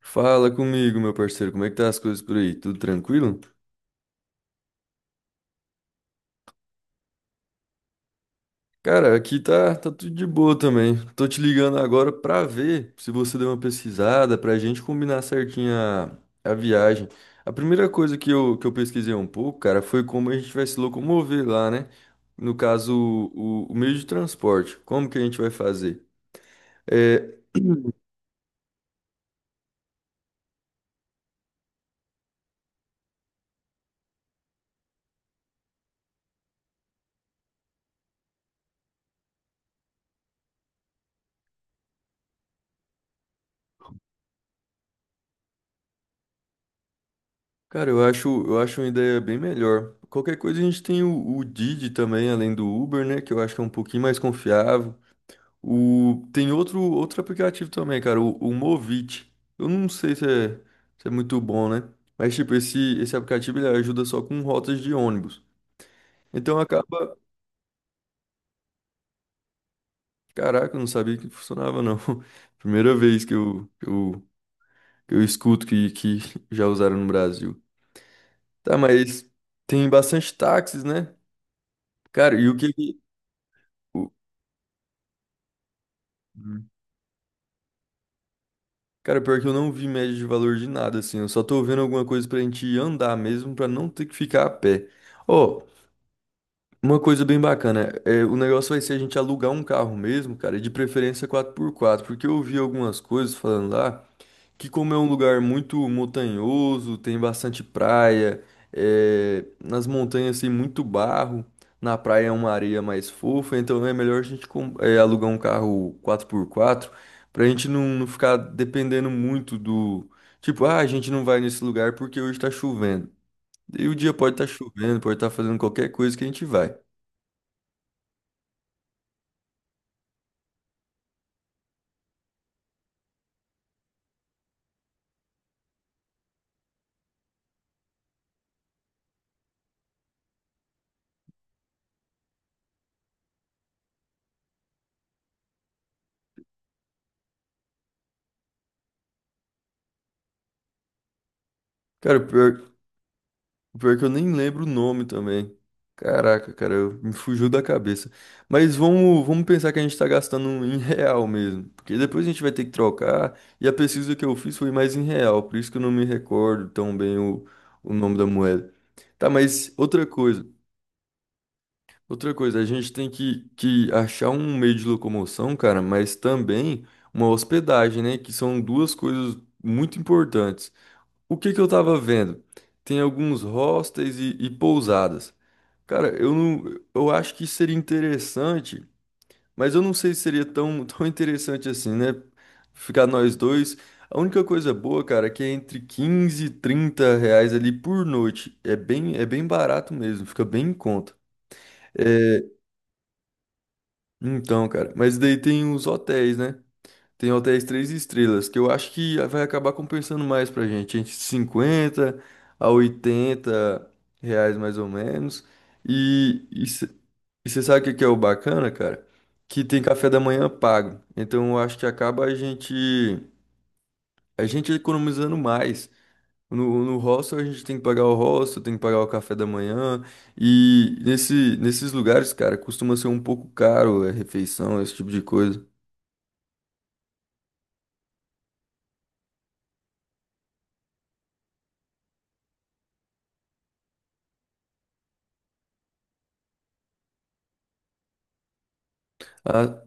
Fala comigo, meu parceiro, como é que tá as coisas por aí? Tudo tranquilo? Cara, aqui tá tudo de boa também. Tô te ligando agora pra ver se você deu uma pesquisada, pra gente combinar certinho a viagem. A primeira coisa que eu pesquisei um pouco, cara, foi como a gente vai se locomover lá, né? No caso, o meio de transporte. Como que a gente vai fazer? É, cara, eu acho uma ideia bem melhor. Qualquer coisa a gente tem o Didi também, além do Uber, né? Que eu acho que é um pouquinho mais confiável. Tem outro aplicativo também, cara, o Movit. Eu não sei se é muito bom, né? Mas, tipo, esse aplicativo ele ajuda só com rotas de ônibus. Então acaba. Caraca, eu não sabia que funcionava, não. Primeira vez que eu escuto que já usaram no Brasil. Tá, mas tem bastante táxis, né? Cara, e o que. Que- o- Cara, pior que eu não vi média de valor de nada, assim. Eu só tô vendo alguma coisa pra gente andar mesmo, pra não ter que ficar a pé. Ó, uma coisa bem bacana, o negócio vai ser a gente alugar um carro mesmo, cara, e de preferência quatro por quatro, porque eu vi algumas coisas falando lá que, como é um lugar muito montanhoso, tem bastante praia, nas montanhas tem muito barro, na praia é uma areia mais fofa, então é melhor a gente alugar um carro 4x4 pra gente não ficar dependendo muito do, tipo, ah, a gente não vai nesse lugar porque hoje tá chovendo. E o dia pode estar chovendo, pode estar fazendo qualquer coisa que a gente vai. Cara, o pior é que eu nem lembro o nome também. Caraca, cara, me fugiu da cabeça. Mas vamos pensar que a gente tá gastando um em real mesmo. Porque depois a gente vai ter que trocar. E a pesquisa que eu fiz foi mais em real. Por isso que eu não me recordo tão bem o nome da moeda. Tá, mas outra coisa. Outra coisa, a gente tem que achar um meio de locomoção, cara, mas também uma hospedagem, né? Que são duas coisas muito importantes. O que que eu tava vendo? Tem alguns hostels e pousadas. Cara, eu não, eu acho que seria interessante, mas eu não sei se seria tão, tão interessante assim, né? Ficar nós dois. A única coisa boa, cara, é que é entre 15 e 30 reais ali por noite. É bem barato mesmo, fica bem em conta. É, então, cara, mas daí tem os hotéis, né? Tem hotéis três estrelas, que eu acho que vai acabar compensando mais pra gente. Entre 50 a 80 reais mais ou menos. E você sabe o que que é o bacana, cara? Que tem café da manhã pago. Então eu acho que acaba a gente economizando mais. No hostel a gente tem que pagar o hostel, tem que pagar o café da manhã. E nesses lugares, cara, costuma ser um pouco caro a refeição, esse tipo de coisa. Ah,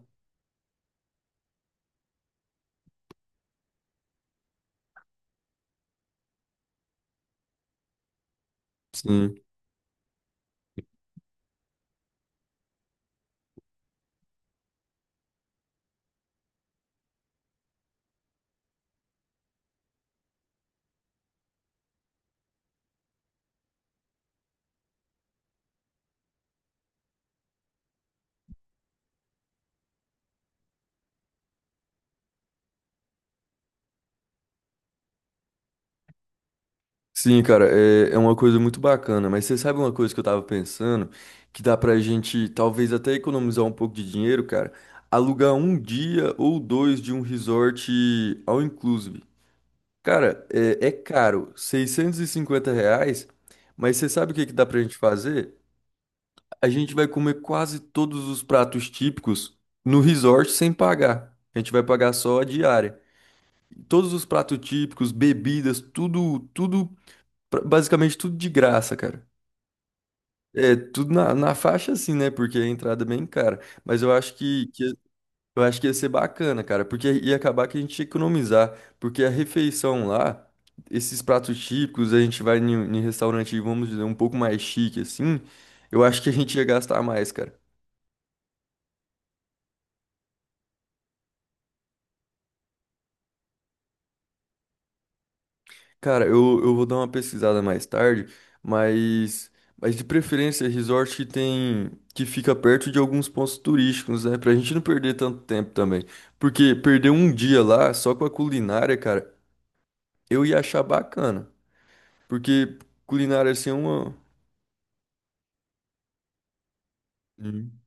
sim. Sim, cara, é uma coisa muito bacana, mas você sabe uma coisa que eu tava pensando, que dá pra gente talvez até economizar um pouco de dinheiro, cara, alugar um dia ou dois de um resort all inclusive. Cara, é caro, 650 reais, mas você sabe o que que dá pra gente fazer? A gente vai comer quase todos os pratos típicos no resort sem pagar. A gente vai pagar só a diária. Todos os pratos típicos, bebidas, tudo, tudo, basicamente tudo de graça, cara. É, tudo na faixa assim, né? Porque a entrada é bem cara. Mas eu acho que ia ser bacana, cara, porque ia acabar que a gente ia economizar, porque a refeição lá, esses pratos típicos, a gente vai em restaurante, vamos dizer, um pouco mais chique assim, eu acho que a gente ia gastar mais, cara. Cara, eu vou dar uma pesquisada mais tarde, mas, mas de preferência, resort que fica perto de alguns pontos turísticos, né? Pra gente não perder tanto tempo também. Porque perder um dia lá, só com a culinária, cara, eu ia achar bacana. Porque culinária, assim, é uma... Hum.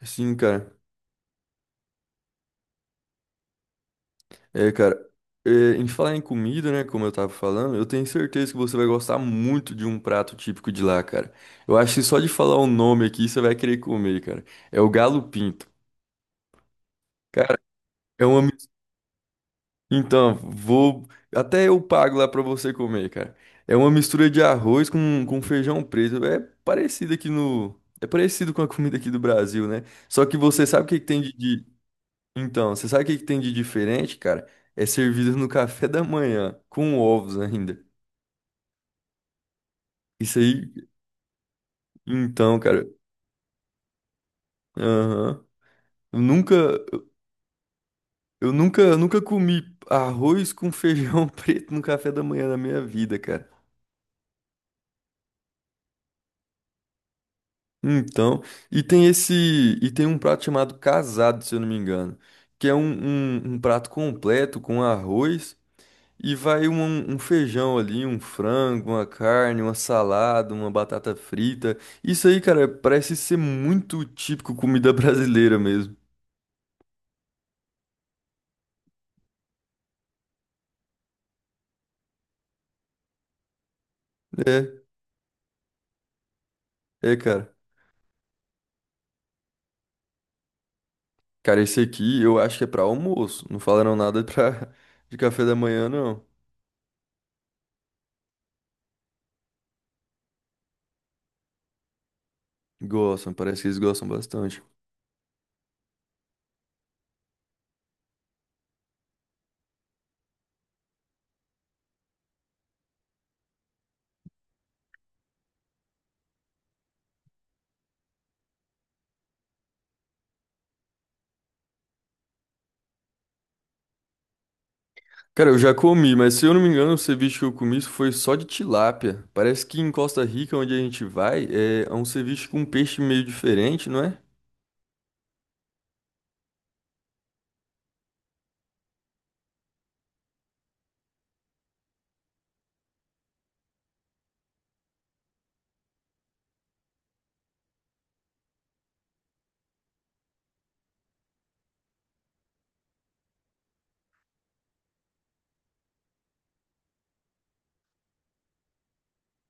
Assim, cara, cara, é, em falar em comida, né, como eu tava falando, eu tenho certeza que você vai gostar muito de um prato típico de lá, cara. Eu acho que só de falar o nome aqui, você vai querer comer, cara. É o galo pinto. Cara, é uma. Mis- Então, vou. até eu pago lá pra você comer, cara. É uma mistura de arroz com feijão preto. É parecido aqui no. É parecido com a comida aqui do Brasil, né? Só que você sabe o que que tem Então, você sabe o que que tem de diferente, cara? É servido no café da manhã, com ovos ainda. Isso aí. Então, cara. Aham. Eu nunca. Eu nunca, nunca comi arroz com feijão preto no café da manhã na minha vida, cara. Então, e tem esse, e tem um prato chamado casado, se eu não me engano, que é um prato completo com arroz e vai um feijão ali, um frango, uma carne, uma salada, uma batata frita. Isso aí, cara, parece ser muito típico comida brasileira mesmo. É, é, cara. Cara, esse aqui eu acho que é pra almoço. Não falaram nada pra, de café da manhã, não. Gostam, parece que eles gostam bastante. Cara, eu já comi, mas se eu não me engano, o ceviche que eu comi foi só de tilápia. Parece que em Costa Rica, onde a gente vai, é um ceviche com um peixe meio diferente, não é?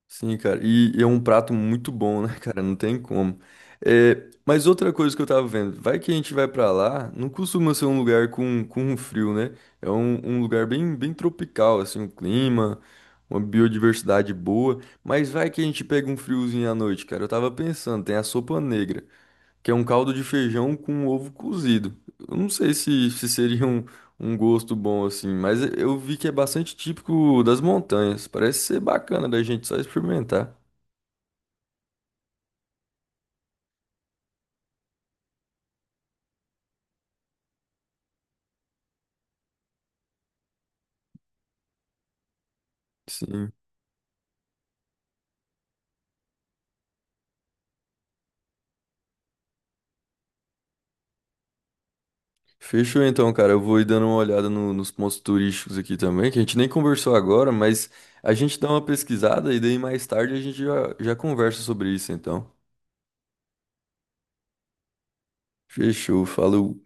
Sim, cara. E é um prato muito bom, né, cara? Não tem como. É, mas outra coisa que eu tava vendo, vai que a gente vai pra lá, não costuma ser um lugar com frio, né? É um lugar bem, bem tropical, assim, o clima, uma biodiversidade boa. Mas vai que a gente pega um friozinho à noite, cara. Eu tava pensando, tem a sopa negra, que é um caldo de feijão com ovo cozido. Eu não sei se seria um gosto bom assim, mas eu vi que é bastante típico das montanhas. Parece ser bacana da gente só experimentar. Sim. Fechou então, cara. Eu vou ir dando uma olhada nos pontos turísticos aqui também, que a gente nem conversou agora, mas a gente dá uma pesquisada e daí mais tarde a gente já, já conversa sobre isso, então. Fechou, falou.